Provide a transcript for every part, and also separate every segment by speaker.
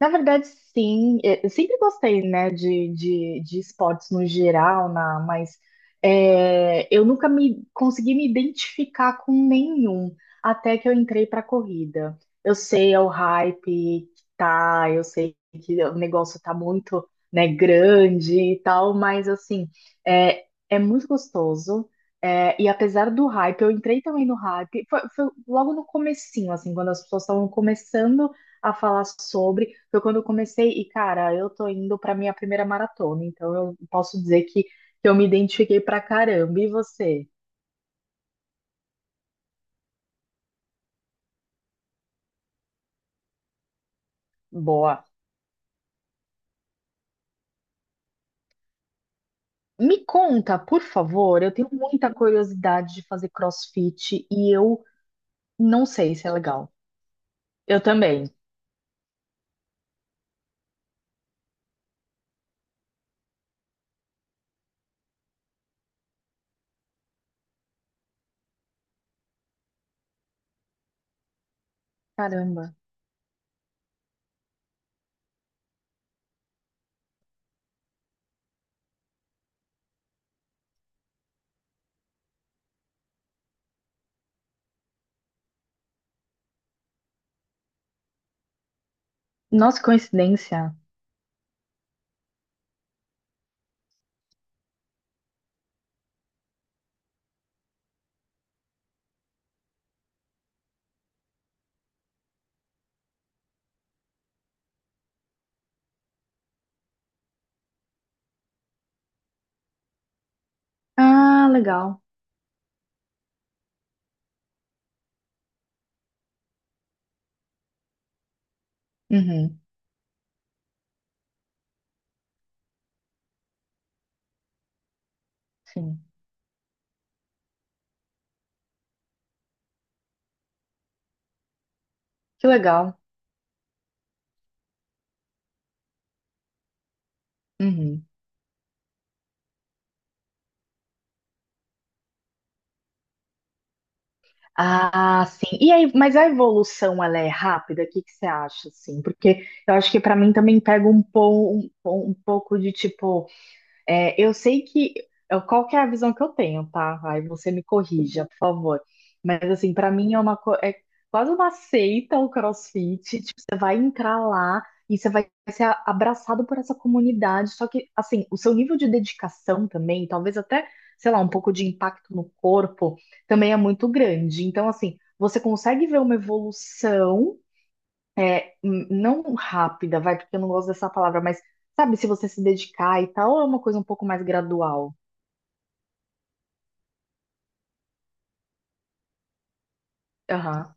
Speaker 1: Na verdade, sim. Eu sempre gostei, né, de esportes no geral, mas eu nunca me consegui me identificar com nenhum até que eu entrei para corrida. Eu sei é o hype que tá, eu sei que o negócio tá muito, né, grande e tal, mas assim, é muito gostoso. E apesar do hype, eu entrei também no hype, foi logo no comecinho, assim, quando as pessoas estavam começando a falar sobre. Foi quando eu comecei, e cara, eu tô indo pra minha primeira maratona, então eu posso dizer que, eu me identifiquei pra caramba. E você? Boa. Me conta, por favor, eu tenho muita curiosidade de fazer CrossFit e eu não sei se é legal. Eu também. Caramba. Nossa, que coincidência. Ah, legal. Uhum, sim. Que legal. Uhum. Ah, sim. E aí, mas a evolução ela é rápida? O que que você acha, assim? Porque eu acho que para mim também pega um pouco de tipo. Eu sei que. Qual que é a visão que eu tenho, tá? Aí você me corrija, por favor. Mas, assim, pra mim é quase uma seita o CrossFit. Tipo, você vai entrar lá e você vai ser abraçado por essa comunidade. Só que, assim, o seu nível de dedicação também, talvez até, sei lá, um pouco de impacto no corpo, também é muito grande. Então, assim, você consegue ver uma evolução não rápida, vai, porque eu não gosto dessa palavra, mas sabe, se você se dedicar e tal, ou é uma coisa um pouco mais gradual. Aham.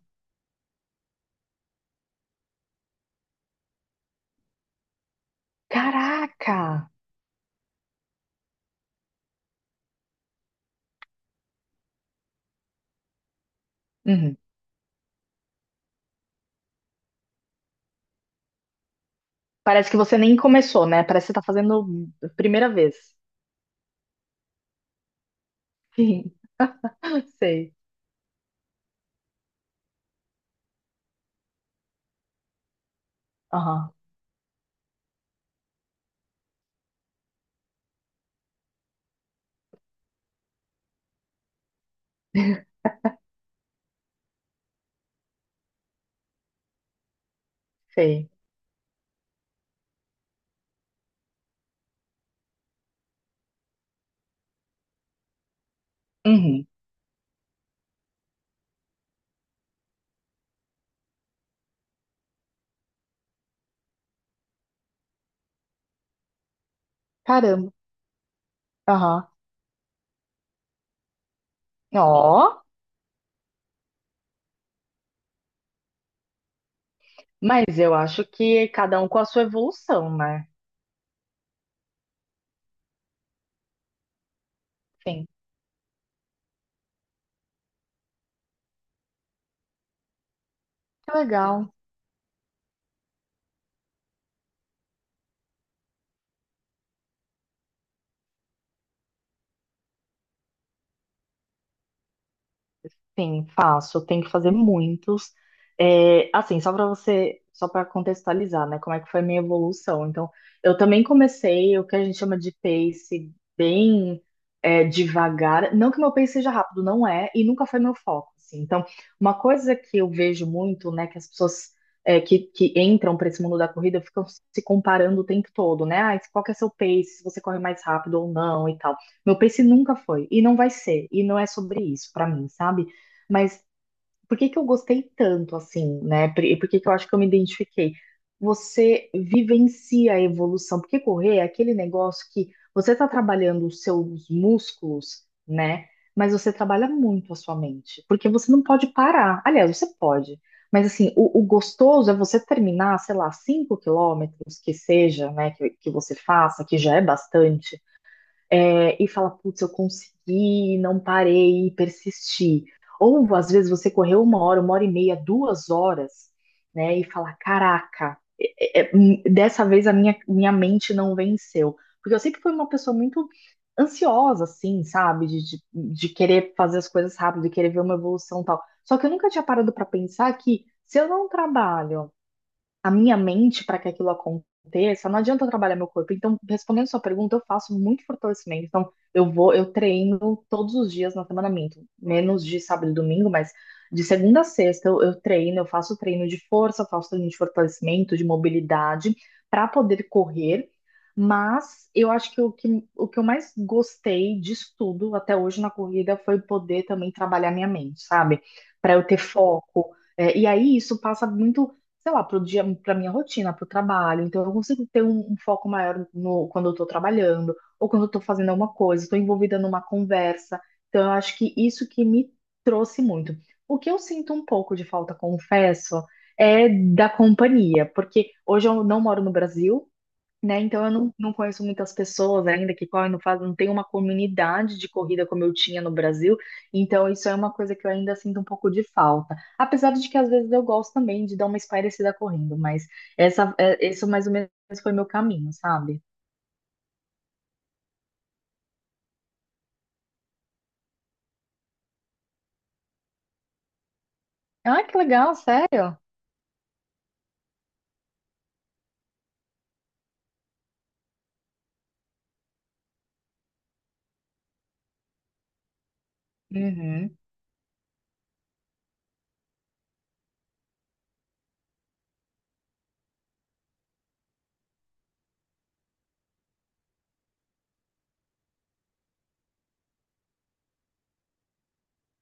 Speaker 1: Caraca! Uhum. Parece que você nem começou, né? Parece que você tá fazendo a primeira vez. Sim, sei. Aham, sei. Uhum. Caramba. Aham. Ó, mas eu acho que cada um com a sua evolução, né? Sim. Que legal. Sim, faço. Eu tenho que fazer muitos. É, assim, só para você, só para contextualizar, né? Como é que foi a minha evolução. Então, eu também comecei o que a gente chama de pace bem devagar. Não que meu pace seja rápido, não é, e nunca foi meu foco, assim. Então, uma coisa que eu vejo muito, né, que as pessoas que entram para esse mundo da corrida ficam se comparando o tempo todo, né? Ah, qual que é seu pace, se você corre mais rápido ou não e tal. Meu pace nunca foi, e não vai ser, e não é sobre isso para mim, sabe? Mas por que que eu gostei tanto assim, né? E por que que eu acho que eu me identifiquei? Você vivencia a evolução, porque correr é aquele negócio que você está trabalhando os seus músculos, né? Mas você trabalha muito a sua mente, porque você não pode parar. Aliás, você pode, mas assim, o gostoso é você terminar, sei lá, 5 quilômetros que seja, né? Que você faça, que já é bastante e fala, putz, eu consegui, não parei e persisti. Ou às vezes você correu uma hora e meia, duas horas, né? E fala, caraca, dessa vez a minha mente não venceu. Porque eu sempre fui uma pessoa muito ansiosa, assim, sabe? De querer fazer as coisas rápido, de querer ver uma evolução e tal. Só que eu nunca tinha parado para pensar que se eu não trabalho a minha mente para que aquilo aconteça, não adianta eu trabalhar meu corpo. Então, respondendo sua pergunta, eu faço muito fortalecimento. Então, eu vou, eu treino todos os dias na semana, minto, menos de sábado e domingo, mas de segunda a sexta eu treino, eu faço treino de força, eu faço treino de fortalecimento, de mobilidade, para poder correr. Mas eu acho que o que eu mais gostei disso tudo até hoje na corrida foi poder também trabalhar minha mente, sabe? Para eu ter foco. E aí isso passa muito sei lá, pro dia, pra minha rotina, pro trabalho. Então eu consigo ter um foco maior no, quando eu tô trabalhando, ou quando eu tô fazendo alguma coisa, estou envolvida numa conversa. Então eu acho que isso que me trouxe muito. O que eu sinto um pouco de falta, confesso, é da companhia, porque hoje eu não moro no Brasil, né? Então eu não conheço muitas pessoas ainda que correm, não tem uma comunidade de corrida como eu tinha no Brasil, então isso é uma coisa que eu ainda sinto um pouco de falta. Apesar de que às vezes eu gosto também de dar uma espairecida correndo, mas isso mais ou menos foi meu caminho, sabe? Ah, que legal, sério? Uhum.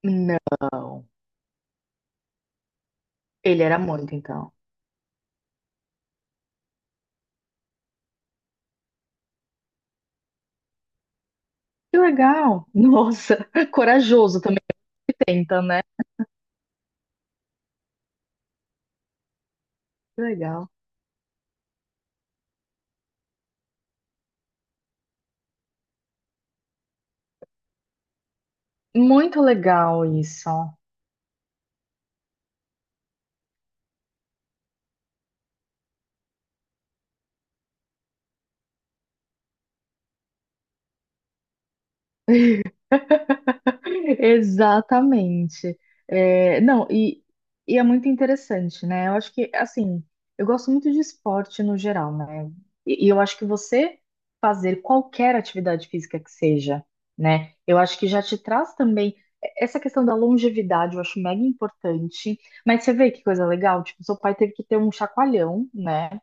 Speaker 1: Não, ele era muito então. Que legal! Nossa, corajoso também tenta, né? Que legal. Muito legal isso. Exatamente. Não, e é muito interessante, né? Eu acho que, assim, eu gosto muito de esporte no geral, né? E eu acho que você fazer qualquer atividade física que seja, né? Eu acho que já te traz também essa questão da longevidade, eu acho mega importante. Mas você vê que coisa legal, tipo, seu pai teve que ter um chacoalhão, né?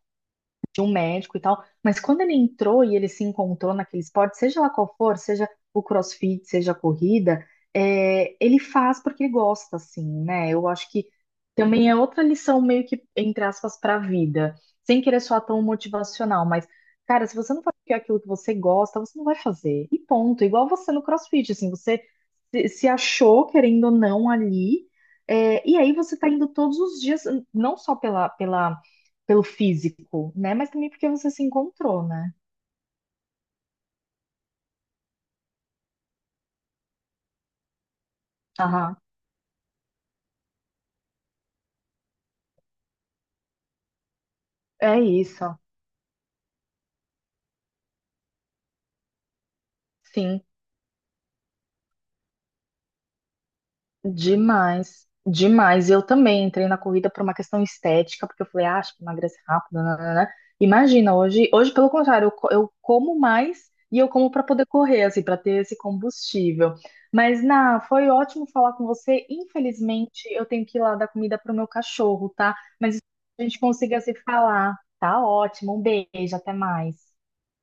Speaker 1: Tinha um médico e tal, mas quando ele entrou e ele se encontrou naquele esporte, seja lá qual for, seja o CrossFit, seja a corrida, ele faz porque ele gosta, assim, né? Eu acho que também é outra lição meio que, entre aspas, para a vida, sem querer soar tão motivacional, mas, cara, se você não faz aquilo que você gosta, você não vai fazer, e ponto. Igual você no CrossFit, assim, você se achou, querendo ou não, ali, e aí você tá indo todos os dias, não só pela, pela pelo físico, né? Mas também porque você se encontrou, né? Aham, é isso. Sim, demais, demais. Eu também entrei na corrida por uma questão estética, porque eu falei, ah, acho que emagrece rápido, nananana. Imagina, hoje, hoje pelo contrário, eu como mais e eu como para poder correr, assim, para ter esse combustível. Mas, foi ótimo falar com você. Infelizmente, eu tenho que ir lá dar comida para o meu cachorro, tá? Mas a gente consiga se falar. Tá ótimo, um beijo, até mais.